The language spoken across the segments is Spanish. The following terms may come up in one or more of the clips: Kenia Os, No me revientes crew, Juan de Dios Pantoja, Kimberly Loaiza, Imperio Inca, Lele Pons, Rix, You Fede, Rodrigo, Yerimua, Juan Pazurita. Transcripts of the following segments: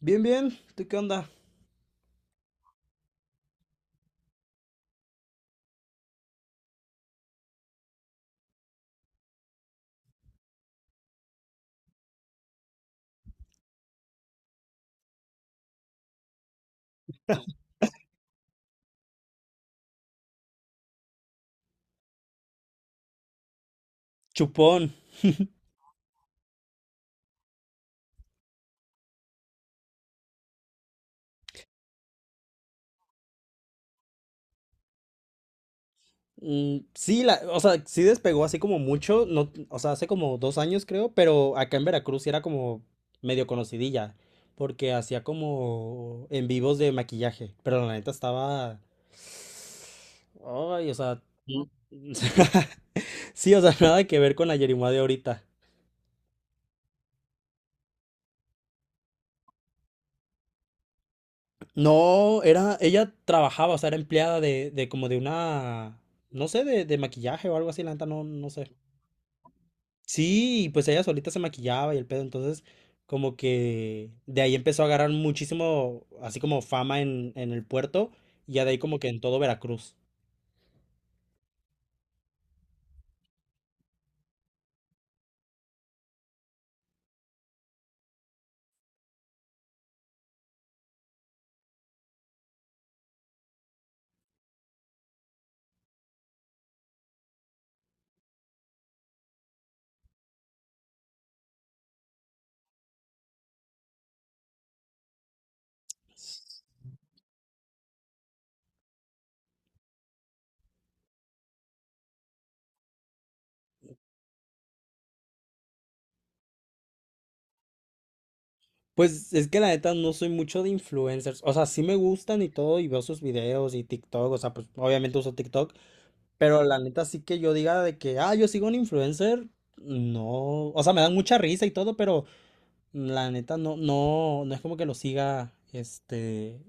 Bien, bien. ¿Tú qué onda? Chupón. Mm, sí, o sea, sí despegó así como mucho, no, o sea, hace como 2 años creo, pero acá en Veracruz sí era como medio conocidilla, porque hacía como en vivos de maquillaje, pero la neta estaba. Ay, o sea, Sí, o sea, nada que ver con la Yerimua de ahorita. No, ella trabajaba, o sea, era empleada de como de una, no sé, de maquillaje o algo así, la neta, no, no sé. Sí, y pues ella solita se maquillaba y el pedo, entonces como que de ahí empezó a agarrar muchísimo, así como fama en el puerto y ya de ahí como que en todo Veracruz. Pues es que la neta no soy mucho de influencers, o sea, sí me gustan y todo y veo sus videos y TikTok, o sea, pues obviamente uso TikTok, pero la neta sí que yo diga de que, ah, yo sigo a un influencer, no, o sea, me dan mucha risa y todo, pero la neta no es como que lo siga, este,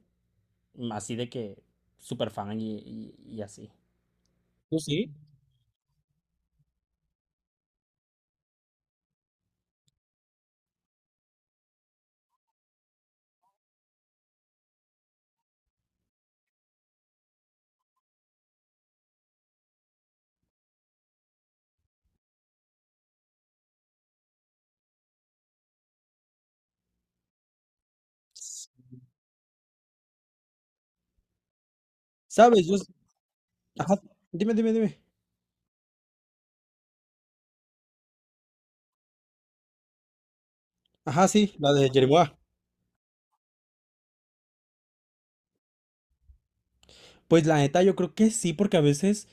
así de que súper fan y así. Yo sí. ¿Sabes? Yo, sí. ajá, Dime, dime, dime. Ajá, sí, la de Jerimoa. Pues la neta, yo creo que sí, porque a veces,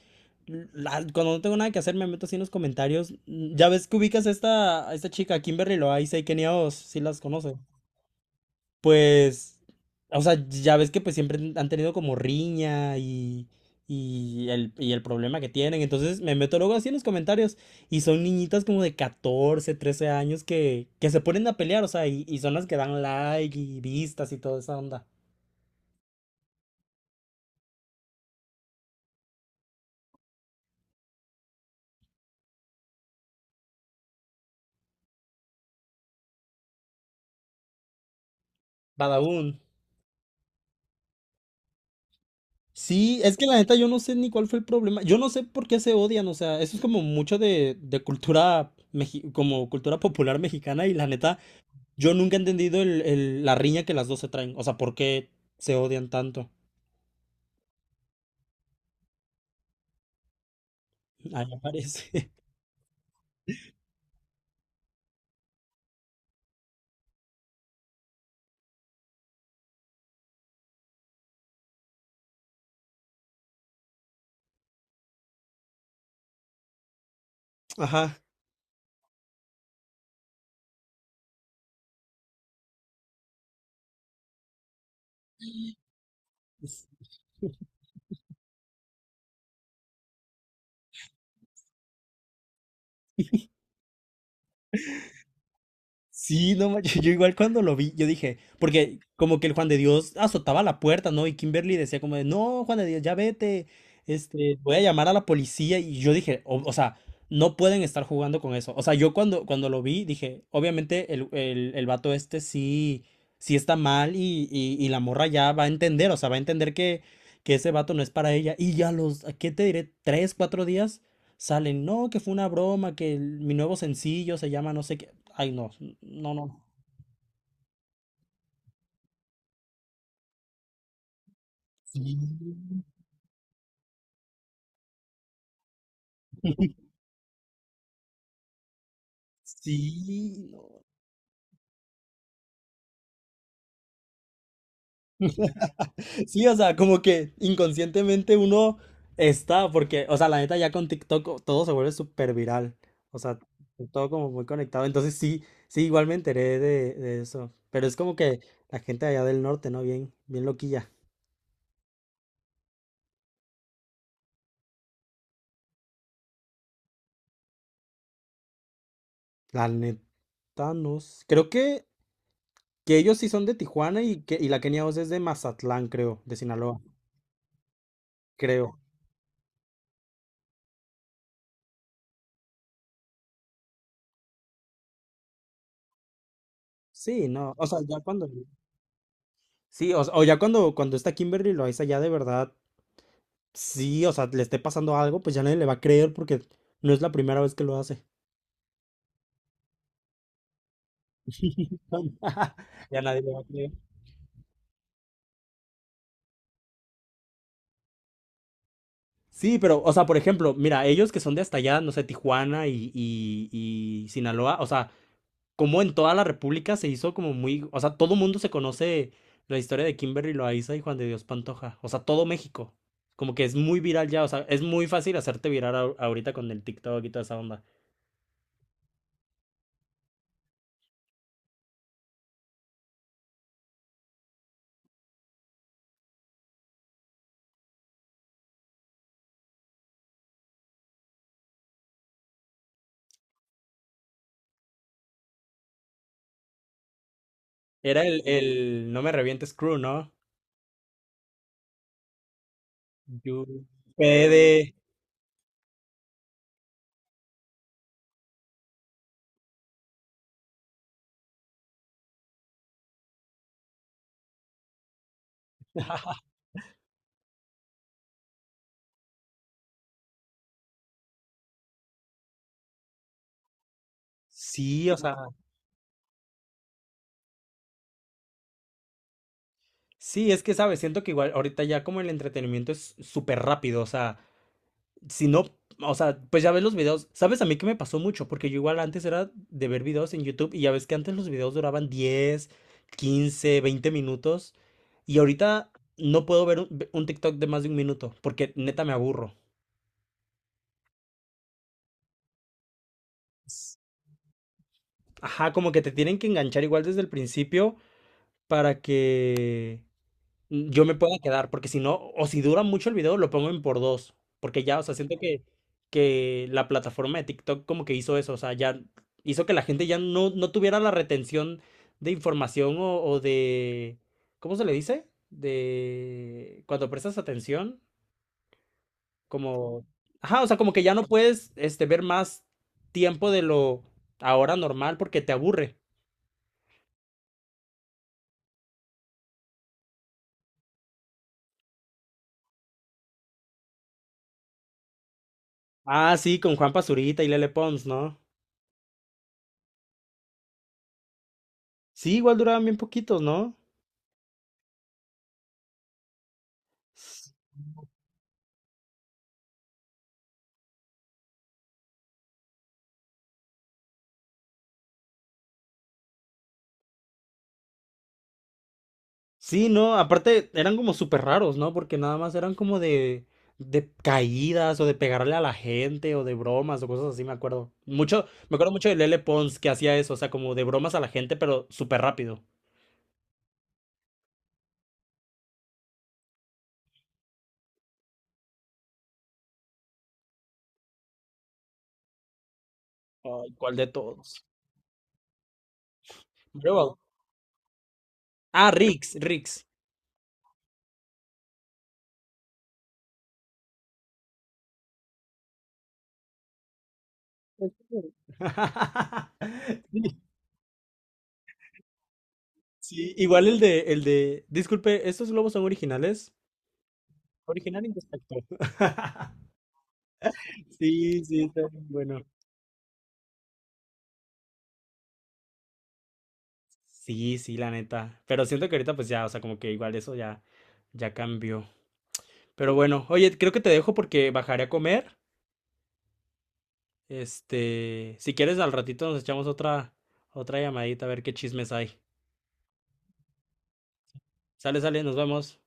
cuando no tengo nada que hacer, me meto así en los comentarios. Ya ves que ubicas a esta chica, Kimberly Loaiza y Kenia Os, si las conoces. Pues, o sea, ya ves que pues siempre han tenido como riña y el problema que tienen. Entonces me meto luego así en los comentarios y son niñitas como de 14, 13 años que se ponen a pelear, o sea, y son las que dan like y vistas y toda esa onda. Badaún. Sí, es que la neta yo no sé ni cuál fue el problema. Yo no sé por qué se odian, o sea, eso es como mucho de cultura, como cultura popular mexicana y la neta. Yo nunca he entendido la riña que las dos se traen. O sea, ¿por qué se odian tanto? Ahí aparece. Ajá. Sí, no manches, yo igual cuando lo vi, yo dije, porque como que el Juan de Dios azotaba la puerta, ¿no? Y Kimberly decía como de, no, Juan de Dios, ya vete, este, voy a llamar a la policía. Y yo dije, o sea, no pueden estar jugando con eso. O sea, yo cuando lo vi, dije, obviamente el vato este sí, sí está mal y la morra ya va a entender, o sea, va a entender que ese vato no es para ella. Y ya los, ¿a ¿qué te diré? 3, 4 días salen, no, que fue una broma, que mi nuevo sencillo se llama no sé qué. Ay, no, no, no. Sí, sí. No. Sí, o sea, como que inconscientemente uno está, porque, o sea, la neta ya con TikTok todo se vuelve súper viral. O sea, todo como muy conectado. Entonces sí, sí, igual me enteré de eso. Pero es como que la gente allá del norte, ¿no? Bien, bien loquilla. La neta, no. Creo que ellos sí son de Tijuana y que y la Kenia Oz es de Mazatlán, creo, de Sinaloa. Creo. Sí, no. O sea, ya cuando. Sí, o ya cuando está Kimberly Loaiza ya de verdad, sí, o sea, le esté pasando algo, pues ya nadie le va a creer porque no es la primera vez que lo hace. Ya nadie le va a creer. Sí, pero, o sea, por ejemplo, mira, ellos que son de hasta allá, no sé, Tijuana y Sinaloa, o sea, como en toda la República se hizo como muy, o sea, todo mundo se conoce la historia de Kimberly Loaiza y Juan de Dios Pantoja, o sea, todo México, como que es muy viral ya, o sea, es muy fácil hacerte viral ahorita con el TikTok y toda esa onda. Era el No me revientes crew, ¿no? You Fede. Sí, o sea, sí, es que sabes, siento que igual ahorita ya como el entretenimiento es súper rápido, o sea, si no, o sea, pues ya ves los videos, sabes a mí que me pasó mucho, porque yo igual antes era de ver videos en YouTube y ya ves que antes los videos duraban 10, 15, 20 minutos y ahorita no puedo ver un, TikTok de más de un minuto, porque neta me aburro. Ajá, como que te tienen que enganchar igual desde el principio para que yo me pueda quedar, porque si no, o si dura mucho el video, lo pongo en por dos, porque ya, o sea, siento que, la plataforma de TikTok como que hizo eso, o sea, ya hizo que la gente ya no tuviera la retención de información o de, ¿cómo se le dice? De cuando prestas atención, como, ajá, o sea, como que ya no puedes, este, ver más tiempo de lo ahora normal porque te aburre. Ah, sí, con Juan Pazurita y Lele Pons, ¿no? Sí, igual duraban bien poquitos, ¿no? Sí, no, aparte eran como súper raros, ¿no? Porque nada más eran como de caídas o de pegarle a la gente o de bromas o cosas así, me acuerdo. Mucho, me acuerdo mucho de Lele Pons que hacía eso, o sea, como de bromas a la gente, pero súper rápido. Ay, ¿cuál de todos? Mario Bau- Ah, Rix, Rix. Sí, sí, igual el de, disculpe, ¿estos globos son originales? Original y defecto. Sí, sí, está bien bueno. Sí, sí, la neta. Pero siento que ahorita pues ya, o sea, como que igual eso ya cambió. Pero bueno, oye, creo que te dejo porque bajaré a comer. Este, si quieres al ratito nos echamos otra llamadita a ver qué chismes hay. Sale, sale, nos vemos.